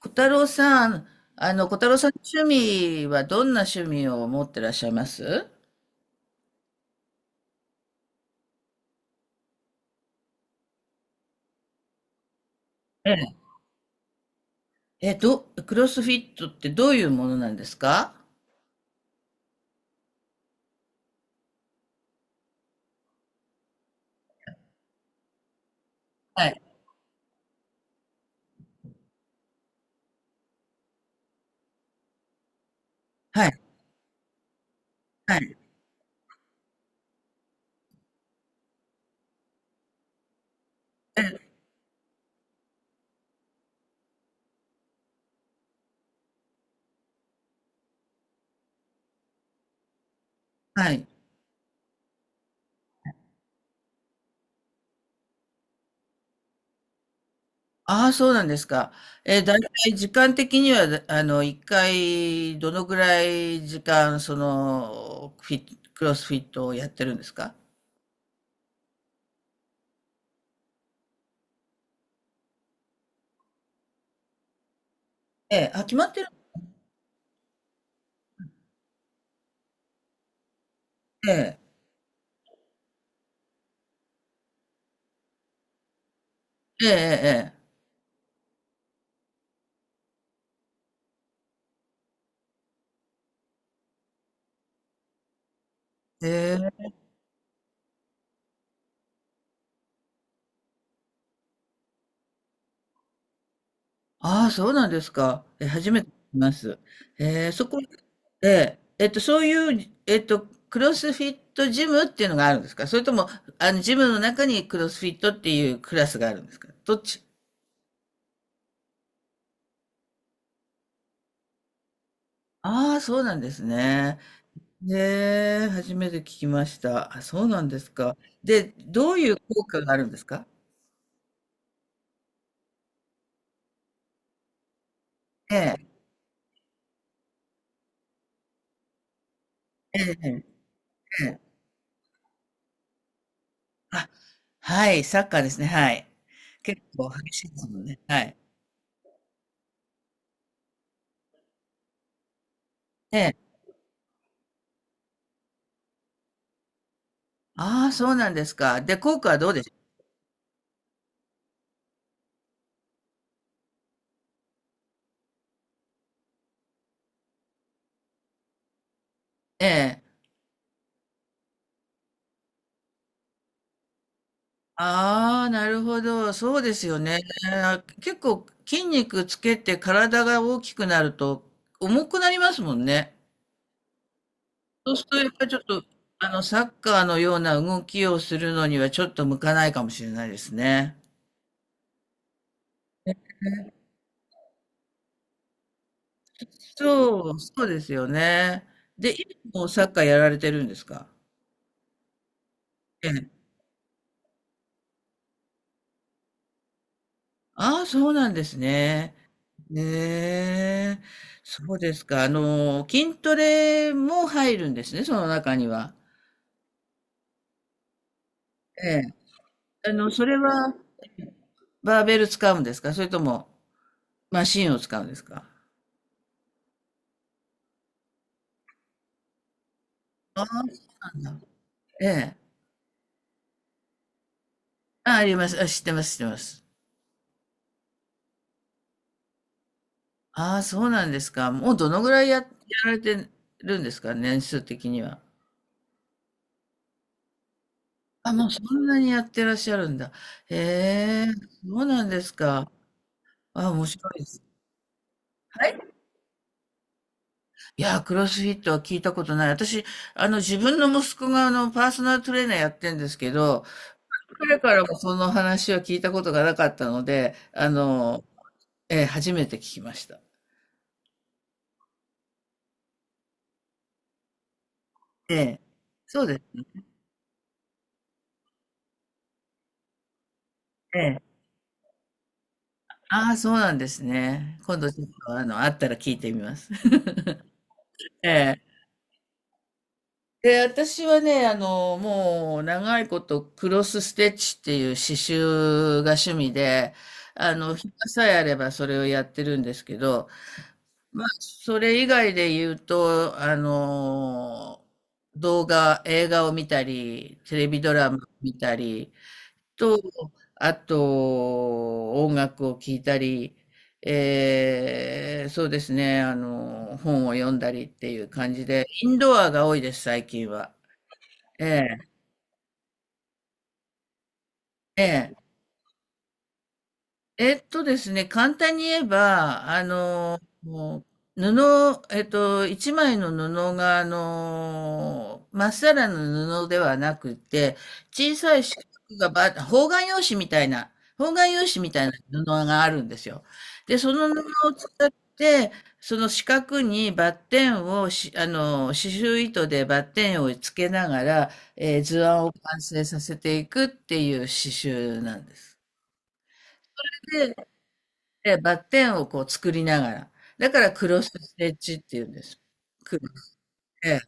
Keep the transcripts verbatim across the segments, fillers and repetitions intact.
小太郎さん、あの、小太郎さんの趣味はどんな趣味を持ってらっしゃいます？ええ。え、ど、クロスフィットってどういうものなんですか？はい。はい。はい。はい。ああ、そうなんですか。え、だいたい時間的には、あの、一回、どのぐらい時間、その、フィット、クロスフィットをやってるんですか？ええ、あ、決まってる。ええ、ええ、ええ。ええ。ああ、そうなんですか。え、初めて聞きます。えー、そこで、えっと、そういう、えっと、クロスフィットジムっていうのがあるんですか？それとも、あの、ジムの中にクロスフィットっていうクラスがあるんですか？どっち？ああー、そうなんですね。で、初めて聞きました。あ、そうなんですか。で、どういう効果があるんですか？ええ、ええ、ええ。あ、はい、サッカーですね。はい。結構激しいですもんね。はい。ああ、そうなんですか。で、効果はどうでし。ええ。ああ、なるほど。そうですよね。結構筋肉つけて体が大きくなると重くなりますもんね。そうするとやっぱりちょっと、あの、サッカーのような動きをするのにはちょっと向かないかもしれないですね。そう、そうですよね。で、今もサッカーやられてるんですか？ああ、そうなんですね。ねえ、そうですか。あの、筋トレも入るんですね、その中には。ええ。あの、それはバーベル使うんですか？それともマシンを使うんですか？ああ、そうなんだ。ええ。あ、あります。あ、知ってます、知ってます。ああ、そうなんですか。もうどのぐらいや、やられてるんですか？年数的には。あ、もうそんなにやってらっしゃるんだ。へえ、そうなんですか。あ、面白いです。はい。いやー、クロスフィットは聞いたことない。私、あの、自分の息子が、あの、パーソナルトレーナーやってんですけど、彼からもその話は聞いたことがなかったので、あの、えー初めて聞きました。ええ、そうですね。ええ。ああ、そうなんですね。今度ちょっと、あの、あったら聞いてみます。ええ。で、私はね、あの、もう、長いこと、クロスステッチっていう刺繍が趣味で、あの、暇さえあればそれをやってるんですけど、まあ、それ以外で言うと、あの動画、映画を見たり、テレビドラマを見たり、と、あと、音楽を聴いたり、えーそうですね、あの本を読んだりっていう感じで、インドアが多いです、最近は。ええ、ええ。えっとですね、簡単に言えば、あの、もう布、えっと、一枚の布が、あの、まっさらの布ではなくて、小さい四角がば、方眼用紙みたいな、方眼用紙みたいな布があるんですよ。で、その布を使って、その四角にバッテンをし、あの、刺繍糸でバッテンをつけながら、えー図案を完成させていくっていう刺繍なんです。で、バッテンをこう作りながら。だからクロスステッチっていうんです。くええ。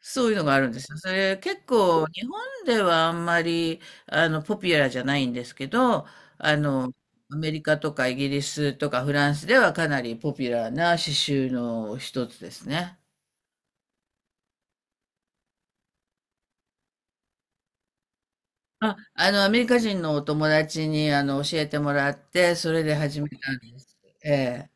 そういうのがあるんですよ。それ結構日本ではあんまりあのポピュラーじゃないんですけど、あの、アメリカとかイギリスとかフランスではかなりポピュラーな刺繍の一つですね。あ、あの、アメリカ人のお友達にあの教えてもらって、それで始めたんです。ええ。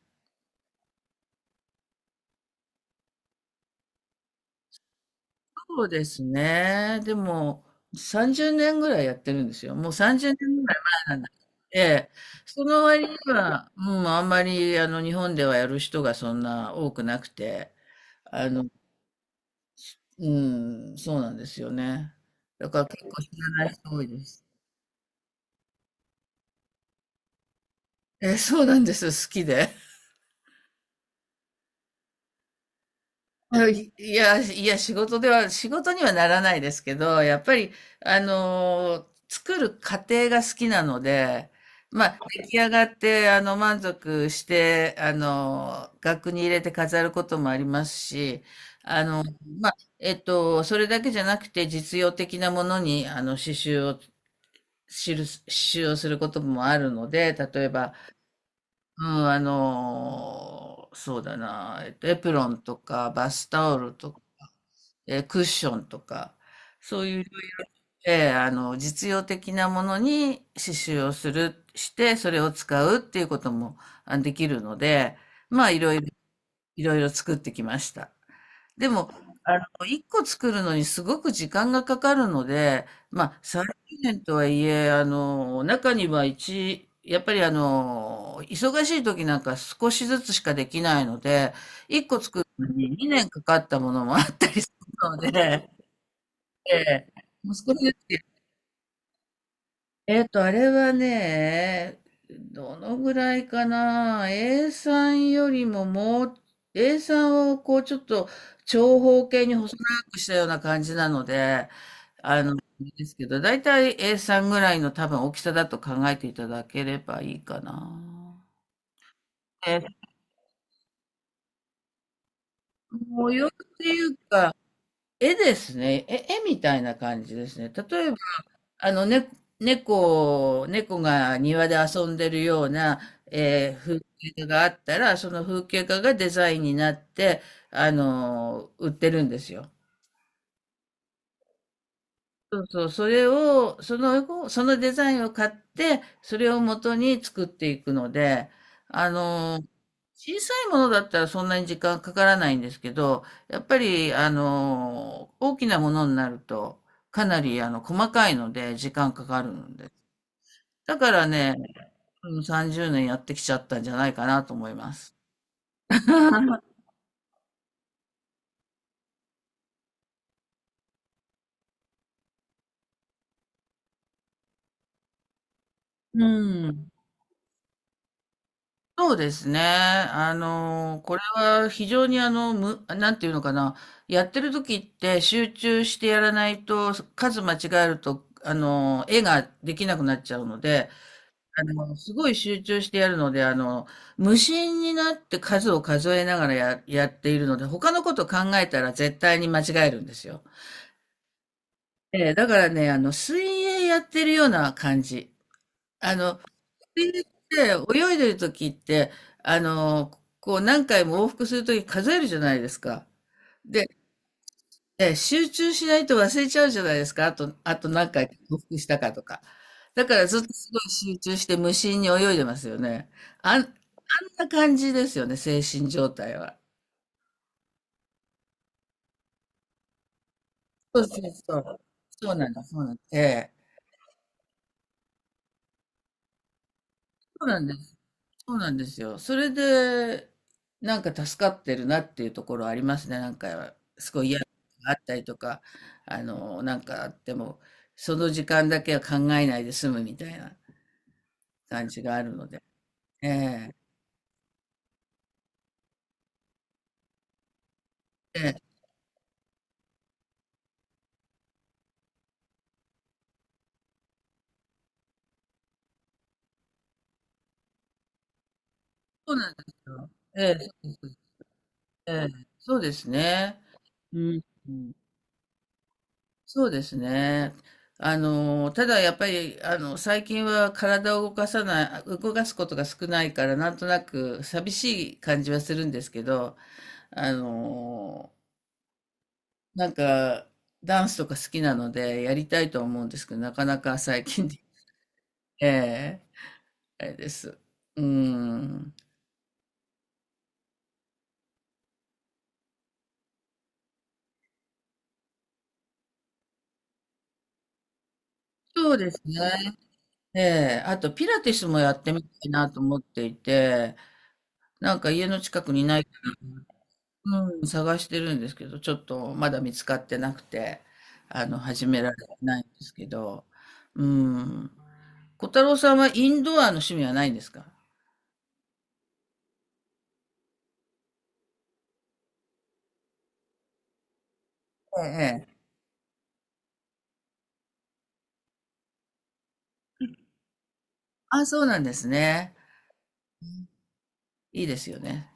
そうですね。でも、さんじゅうねんぐらいやってるんですよ。もうさんじゅうねんぐらい前なんだけど。ええ。その割には、うん、あんまり、あの、日本ではやる人がそんな多くなくて、あの、うん、そうなんですよね。だから結構知らない人多いです。ええ、そうなんです。好きで。うん。いいや、いや、仕事では、仕事にはならないですけど、やっぱり、あのー作る過程が好きなので、まあ、出来上がって、あの、満足して、あのー額に入れて飾ることもありますし、あの、まあ、えっと、それだけじゃなくて、実用的なものに、あの、刺繍を、しる、刺繍をすることもあるので、例えば、うん、あのーそうだな、えっと、エプロンとか、バスタオルとか、えークッションとか、そういう、えーあの、実用的なものに刺繍をする、して、それを使うっていうこともあできるので、まあ、いろいろ、いろいろ作ってきました。でも、あの、一個作るのにすごく時間がかかるので、まあ、さんじゅうねんとはいえ、あの、中には一、やっぱりあの、忙しい時なんか少しずつしかできないので、一個作るのににねんかかったものもあったりするので、ええ、息子のやつでえっと、あれはね、どのぐらいかな、A さんよりももう、A さんをこうちょっと長方形に細長くしたような感じなので、あの、ですけど、だいたい A さんぐらいの多分大きさだと考えていただければいいかな。え、模様っていうか、絵ですね。絵、絵みたいな感じですね。例えあの、ね、猫、猫が庭で遊んでるような、えー風景画があったら、その風景画がデザインになって、あの、売ってるんですよ。そうそう、それを、その、そのデザインを買って、それを元に作っていくので、あの、小さいものだったらそんなに時間かからないんですけど、やっぱり、あの、大きなものになると、かなり、あの、細かいので、時間かかるので。だからね、うん、さんじゅうねんやってきちゃったんじゃないかなと思います。うん。そうですね。あの、これは非常にあの、む、なんていうのかな。やってる時って集中してやらないと、数間違えると、あの、絵ができなくなっちゃうので、あの、すごい集中してやるので、あの、無心になって数を数えながらや、やっているので、他のこと考えたら絶対に間違えるんですよ。ええ、だからね、あの、水泳やってるような感じ。あの、水泳って泳いでる時って、あの、こう何回も往復する時数えるじゃないですか。で、え集中しないと忘れちゃうじゃないですか。あと、あと何回往復したかとか。だからずっとすごい集中して無心に泳いでますよね。あん、あんな感じですよね、精神状態は。そうそうそう。そうなんだ、そうなんだ。ええ。そうなんです。そうなんですよ。それで、なんか助かってるなっていうところありますね。なんか、すごい嫌なことがあったりとか、あの、なんかあっても、その時間だけは考えないで済むみたいな感じがあるので。ええ、ええ、そうなんですよ。ええ、そうです。ええ、そうですね。うん、うん。そうですね。あの、ただやっぱり、あの、最近は体を動かさない、動かすことが少ないから、なんとなく寂しい感じはするんですけど、あのーなんか、ダンスとか好きなので、やりたいとは思うんですけど、なかなか最近で、ええ。あれです。うん。そうですね。ええ。あと、ピラティスもやってみたいなと思っていて、なんか家の近くにない、うん、探してるんですけど、ちょっとまだ見つかってなくて、あの、始められてないんですけど、うん。小太郎さんはインドアの趣味はないんですか？ええ。ええ。あ、そうなんですね。いいですよね。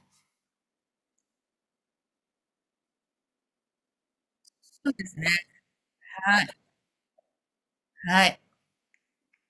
そうですね、はい、はい。